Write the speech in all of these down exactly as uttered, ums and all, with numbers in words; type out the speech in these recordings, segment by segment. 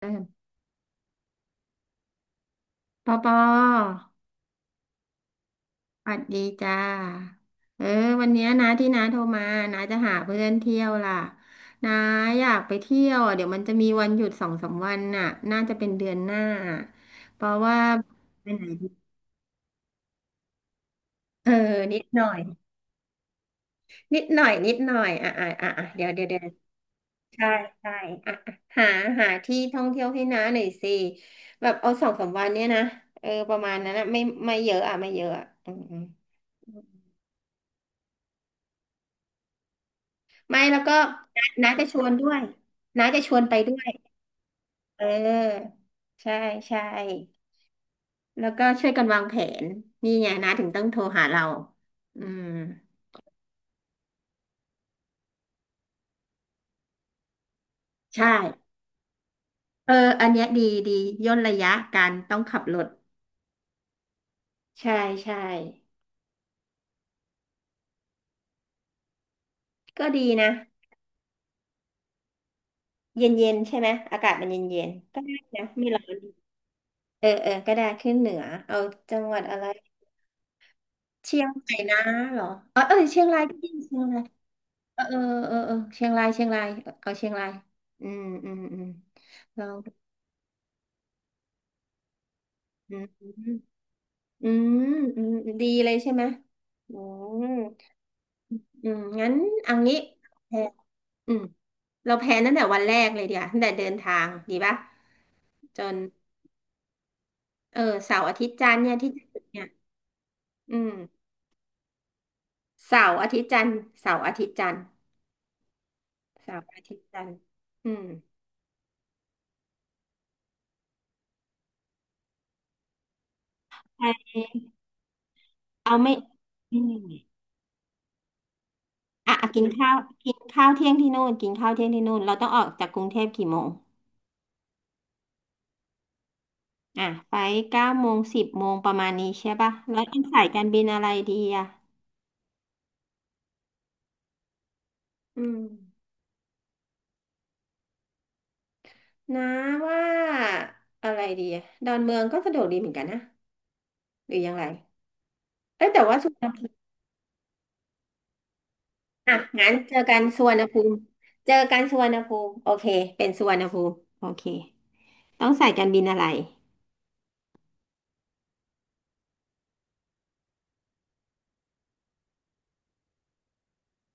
เออปอปอสวัสดีจ้าเออวันเนี้ยนะที่น้าโทรมาน้าจะหาเพื่อนเที่ยวล่ะน้าอยากไปเที่ยวอ่ะเดี๋ยวมันจะมีวันหยุดสองสามวันน่ะน่าจะเป็นเดือนหน้าเพราะว่าไปไหนดีเออนิดหน่อย นิดหน่อยนิดหน่อยอ่ะอ่ะอ่ะอ่ะเดี๋ยวเดี๋ยวเดี๋ยวใช่ใช่อ่ะอ่ะหาหาที่ท่องเที่ยวให้น้าหน่อยสิแบบเอาสองสามวันเนี้ยนะเออประมาณนั้นนะไม่ไม่เยอะอ่ะไม่เยอะอ่ะอืม ไม่แล้วก็น้าจะชวนด้วยน้าจะชวนไปด้วยเออใช่ใช่แล้วก็ช่วยกันวางแผนนี่ไงน้าถึงต้องโทรหาเราอืมใช่เอออันเนี้ยดีดีย่นระยะการต้องขับรถใช่ใช่ก็ดีนะเย็นเย็นใช่ไหมอากาศมันเย็นเย็นก็ได้นะไม่ร้อนเออเออก็ได้ขึ้นเหนือเอาจังหวัดอะไร เชียงใหม่นะเหรอเออเออเชียงรายก็ดีเชียงรายเออเออเออเออเชียงรายเชียงรายเอาเชียงรายอืมอืมอืมลองอืมอืมอืมดีเลยใช่ไหมอืมอืมงั้นเอางี้แพลนอืมเราแพลนตั้งแต่วันแรกเลยเดียวาตั้งแต่เดินทางดีป่ะจนเออเสาร์อาทิตย์จันทร์เนี่ยที่จะถึงเนี่ยอืมเสาร์อาทิตย์จันทร์เสาร์อาทิตย์จันทร์เสาร์อาทิตย์จันทร์อืมแต่เอาไม่อืม อ่ะอ่ะกินข้าวกินข้าวเที่ยงที่นู่นกินข้าวเที่ยงที่นู่นเราต้องออกจากกรุงเทพกี่โมงอ่ะไปเก้าโมงสิบโมงประมาณนี้ใช่ปะแล้วต้องสายการบินอะไรดีอ่ะอืมนะว่าอะไรดีอะดอนเมืองก็สะดวกดีเหมือนกันนะหรือยังไรเอ้ยแต่ว่าสุวรรณภูมิอ่ะงั้นเจอกันสุวรรณภูมิเจอกันสุวรรณภูมิโอเคเป็นสุวรรณภูมิโอเคต้องสายการบินอะไร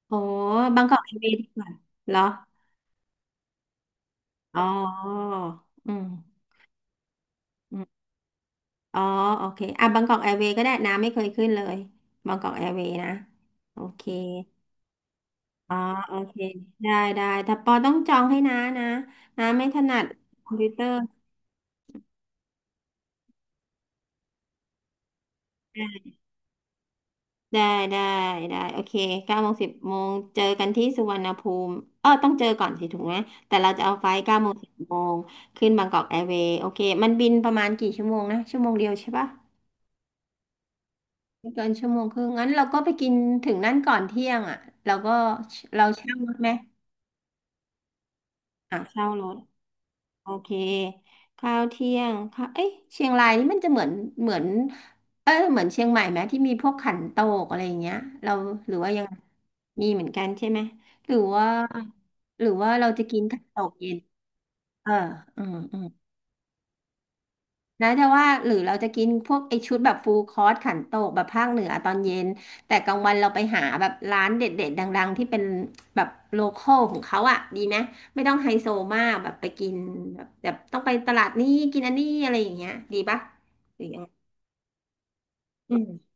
อ๋อบางกอกแอร์เวย์ดีกว่าเหรออ๋ออืมอืม อ๋อโอเคอ่ะบางกอกแอร์เวย์ก็ได้น้ำไม่เคยขึ้นเลยบางกอกแอร์เวย์นะโอเคอ๋อโอเคได้ได้แต่ปอต้องจองให้น้านะน้าไม่ถนัดคอมพิวเตอร์ได้ได้ได้โอเคเก้าโมงสิบโมงเจอกันที่สุวรรณภูมิเออต้องเจอก่อนสิถูกไหมแต่เราจะเอาไฟล์เก้าโมงสิบโมงขึ้นบางกอกแอร์เวย์โอเคมันบินประมาณกี่ชั่วโมงนะชั่วโมงเดียวใช่ปะไม่เกินชั่วโมงครึ่งงั้นเราก็ไปกินถึงนั่นก่อนเที่ยงอ่ะเราก็เราเช่ารถไหม อ่ะเช่ารถโอเคข้าวเที่ยงค่ะเอ๊ะเชียงรายนี่มันจะเหมือนเหมือนเออเหมือนเชียงใหม่ไหมที่มีพวกขันโตกอะไรอย่างเงี้ยเราหรือว่ายังมีเหมือนกันใช่ไหมหรือว่าหรือว่าเราจะกินขันโตกเย็นเอออืมอืม แล้วจะว่าหรือเราจะกินพวกไอชุดแบบฟูลคอร์สขันโตกแบบภาคเหนือตอนเย็นแต่กลางวันเราไปหาแบบร้านเด็ดๆดังๆที่เป็นแบบโลคอลของเขาอ่ะดีไหมไม่ต้องไฮโซมากแบบไปกินแบบแบบต้องไปตลาดนี้กินอันนี้อะไรอย่างเงี้ยดีปะหรือยังไงอืม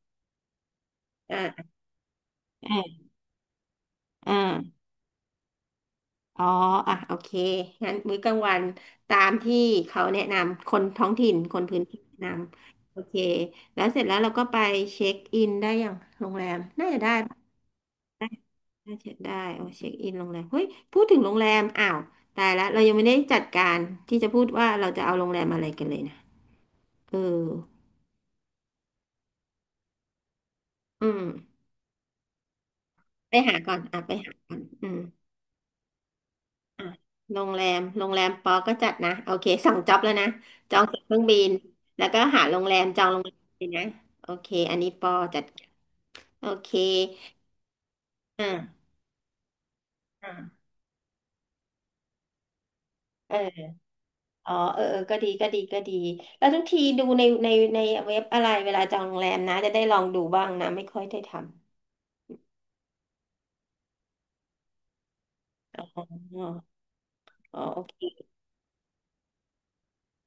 อ่าอ่าอ่าอ๋ออ่ะโอเคงั้นมื้อกลางวันตามที่เขาแนะนำคนท้องถิ่นคนพื้นที่แนะนำโอเคแล้วเสร็จแล้วเราก็ไปเช็คอินได้อย่างโรงแรมน่าจะได้ น่าเช็คได้โอ้เช็คอินโรงแรมเฮ้ยพูดถึงโรงแรมอ้าวตายละเรายังไม่ได้จัดการที่จะพูดว่าเราจะเอาโรงแรมอะไรกันเลยนะเอออืมไปหาก่อนอ่ะไปหาก่อนอืมอ่ะโรงแรมโรงแรมปอก็จัดนะโอเคสั่งจ็อบแล้วนะจองตั๋วเครื่องบินแล้วก็หาโรงแรมจองโรงแรมเลยนะโอเคอันนี้ปอจัดโอเคอ่าอ่าเออ อ๋อเออเออก็ดีก็ดีก็ดีแล้วทุกทีดูในในในเว็บอะไรเวลาจองโรงแรมนะจะได้ลองดูบ้างนะไม่ค่อยได้ทำอ๋ออ๋อโอเค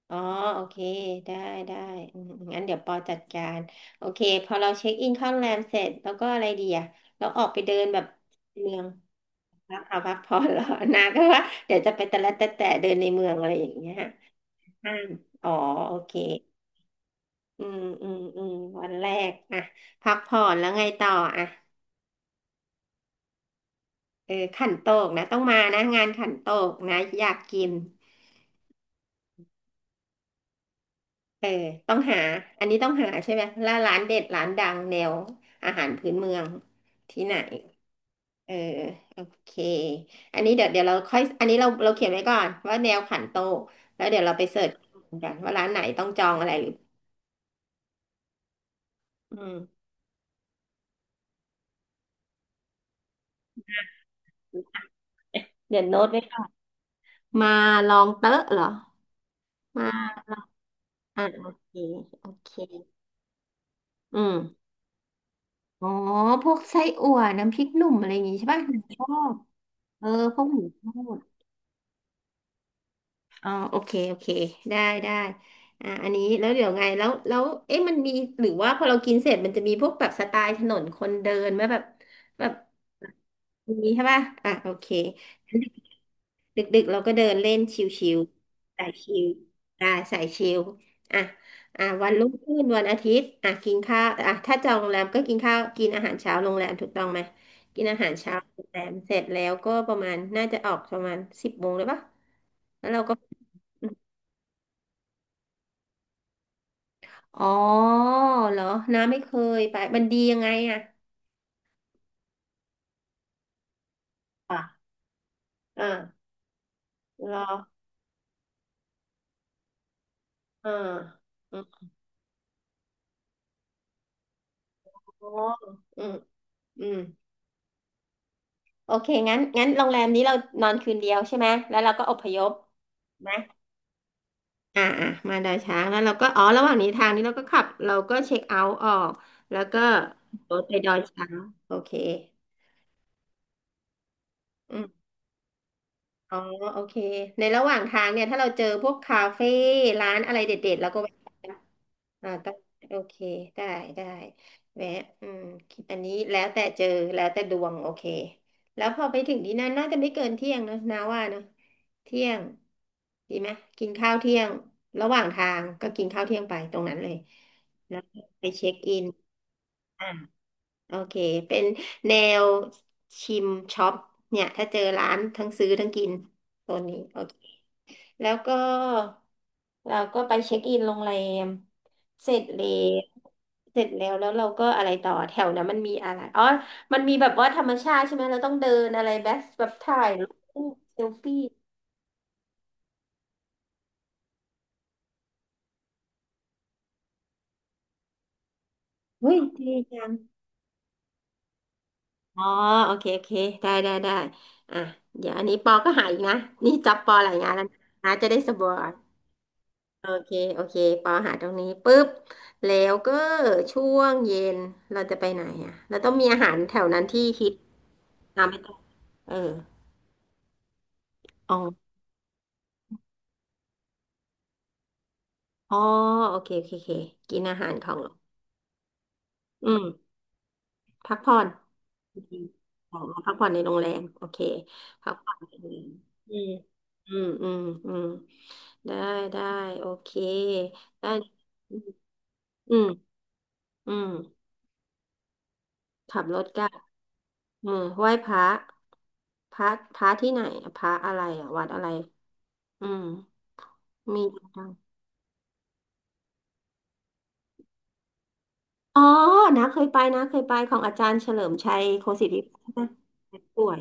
อ๋อโอเคได้ได้อืมงั้นเดี๋ยวปอจัดการโอเคพอเราเช็คอินเข้าโรงแรมเสร็จแล้วก็อะไรดีอะะเราออกไปเดินแบบเมืองพักเอาพักผ่อนเหรอนาก็ว่าเดี๋ยวจะไปแต่ละแต่แต่เดินในเมืองอะไรอย่างเงี้ยห้ามอ๋อโอเคอืมอืมอืมวันแรกอะพักผ่อนแล้วไงต่ออะ เออขันโตกนะต้องมานะงานขันโตกนะอยากกินเออต้องหาอันนี้ต้องหาใช่ไหมแล้วร้านเด็ดร้านดังแนวอาหารพื้นเมืองที่ไหนเออโอเคอันนี้เดี๋ยวเดี๋ยวเราค่อยอันนี้เราเราเขียนไว้ก่อนว่าแนวขันโตกแล้วเดี๋ยวเราไปเสิร์ชกันว่าร้านไหนต้องจองอะไรหรืออืมเดี๋ยวโน้ตไว้ก่อนมาลองเต๊ะเหรอมาอ่ะโอเคโอเคอืมอ๋อพวกไส้อั่วน้ำพริกหนุ่มอะไรอย่างงี้ใช่ป่ะหนูชอบ เออพวกหมูทอดอ๋อโอเคโอเคได้ได้อ่าอันนี้แล้วเดี๋ยวไงแล้วแล้วเอ๊ะมันมีหรือว่าพอเรากินเสร็จมันจะมีพวกแบบสไตล์ถนนคนเดินไหมแบบแบบมีใช่ป่ะอ่ะโอเค ดึกๆเราก็เดินเล่นชิวๆสายชิวได้สายชิวอ่ะอ่ะวันรุ่งขึ้นวันอาทิตย์อ่ะกินข้าวอ่ะถ้าจองโรงแรมก็กินข้าวกินอาหารเช้าโรงแรมถูกต้องไหมกินอาหารเช้าโรงแรมเสร็จแล้วก็ประมาณน่าจะออกประมาณสิบโมงเลยปะแล้วเราก็อ๋อเหรอน้าไม่เคยไปมันดียังไงอ่ะอ่ะอ่ารออ่าอ๋ออืมอืม โอเคงั้นงั้นโรงแรมนี้เรานอนคืนเดียวใช่ไหมแล้วเราก็อพยพนะอ่าอ่ามาดอยช้างแล้วเราก็อ๋อระหว่างนี้ทางนี้เราก็ขับเราก็เช็คเอาท์ออกแล้วก็รถไปดอยช้างโอเคอืมอ๋อโอเคในระหว่างทางเนี่ยถ้าเราเจอพวกคาเฟ่ร้านอะไรเด็ดๆเราก็แวะ อ่าได้โอเคได้ได้แวะอืมอันนี้แล้วแต่เจอแล้วแต่ดวงโอเคแล้วพอไปถึงที่นั่นน่าจะไม่เกินเที่ยงเนอะนาว่าเนอะเที่ยงดีไหมกินข้าวเที่ยงระหว่างทางก็กินข้าวเที่ยงไปตรงนั้นเลยแล้วไปเช็คอินอ่าโอเคเป็นแนวชิมช็อปเนี่ยถ้าเจอร้านทั้งซื้อทั้งกินโซนนี้โอเค แล้วก็เราก็ไปเช็คอินโรงแรมเสร็จแล้วเสร็จแล้วแล้วเราก็อะไรต่อแถวนั้นมันมีอะไรอ๋อมันมีแบบว่าธรรมชาติใช่ไหมเราต้องเดินอะไรแบบแบบถ่ายรูปเซลฟี่เฮ้ยดีจังอ๋อโอเคโอเคได้ได้ได้อ่ะเดี๋ยวอันนี้ปอก็หาอีกนะนี่จับปอหลายงานแล้วนะจะได้สบายโอเคโอเคปอหาตรงนี้ปุ๊บแล้วก็ช่วงเย็นเราจะไปไหนอ่ะเราต้องมีอาหารแถวนั้นที่ฮิต น้ำไม่ต้องเอออ๋ออ๋อโอเคโอเคโอเคกินอาหารของอืม พักผ่อนโอเคออกมาพักผ่อนในโรงแรมโอเค พักผ่อนในโรงแรมอืมอืมอืมอืมได้ได้โอเค ได้ อืมอืมอืมขับรถกลับอืมไหว้พระพระพระที่ไหนพระอะไรอ่ะวัดอะไร อืมมี อ๋อนะเคยไปนะเคยไปของอาจารย์เฉลิมชัยโคศิริพัฒน์นะสวย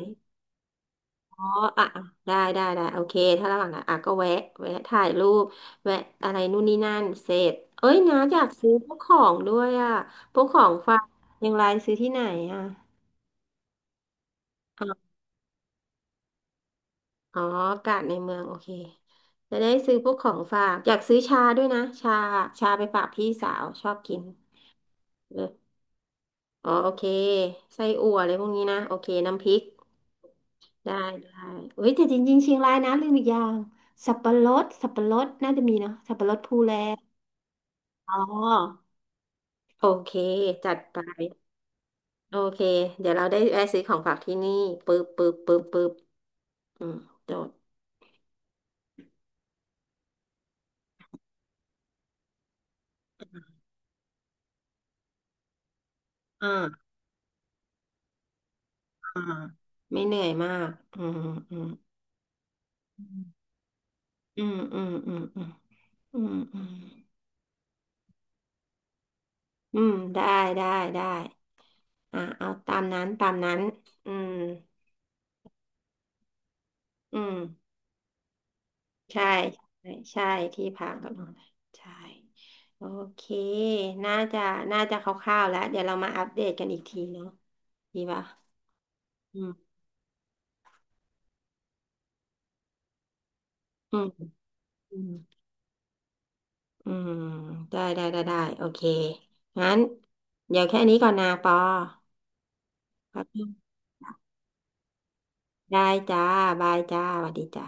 อ๋ออ่ะอ่ะได้ได้ได้โอเคถ้าระหว่างนั้นอ่ะก็แวะแวะถ่ายรูปแวะอะไรนู่นนี่นั่นเสร็จเอ้ยนะอยากซื้อพวกของด้วยอ่ะพวกของฝากเชียังไงซื้อที่ไหนอ่ะอ๋ออ๋ออากาศในเมืองโอเคจะได้ซื้อพวกของฝากอยากซื้อชาด้วยนะชาชาไปฝากพี่สาวชอบกินเอออ๋อโอเคไส้อั่วอะไรพวกนี้นะโอเคน้ำพริก ได้ได้เอ้ยแต่จริงๆเชียงรายนะลืมอีกอย่างสับปะรดสับปะรดน่าจะมีเนาะสับปะรดภูแลอ๋อโอเคจัดไปโอเคเดี๋ยวเราได้แวะซื้อของฝากที่นี่ปึ๊บปึ๊บปึ๊บปึ๊บอืมจดอ่าอ่าไม่เหนื่อยมากอืมอืมอืมอืมอืมอืมอืมอืมอืมได้ได้ได้อ่าเอาตามนั้นตามนั้นอืมอืม ใช่ใช่ใช่ที่พักกับโรงแรมใช่โอเคน่าจะน่าจะคร่าวๆแล้วเดี๋ยวเรามาอัปเดตกันอีกทีเนาะดีป่ะอืมอืมอืมอืมได้ได้ได้ได้โอเคงั้นเดี๋ยวแค่นี้ก่อนนะปอครับได้จ้าบายจ้าสวัสดีจ้า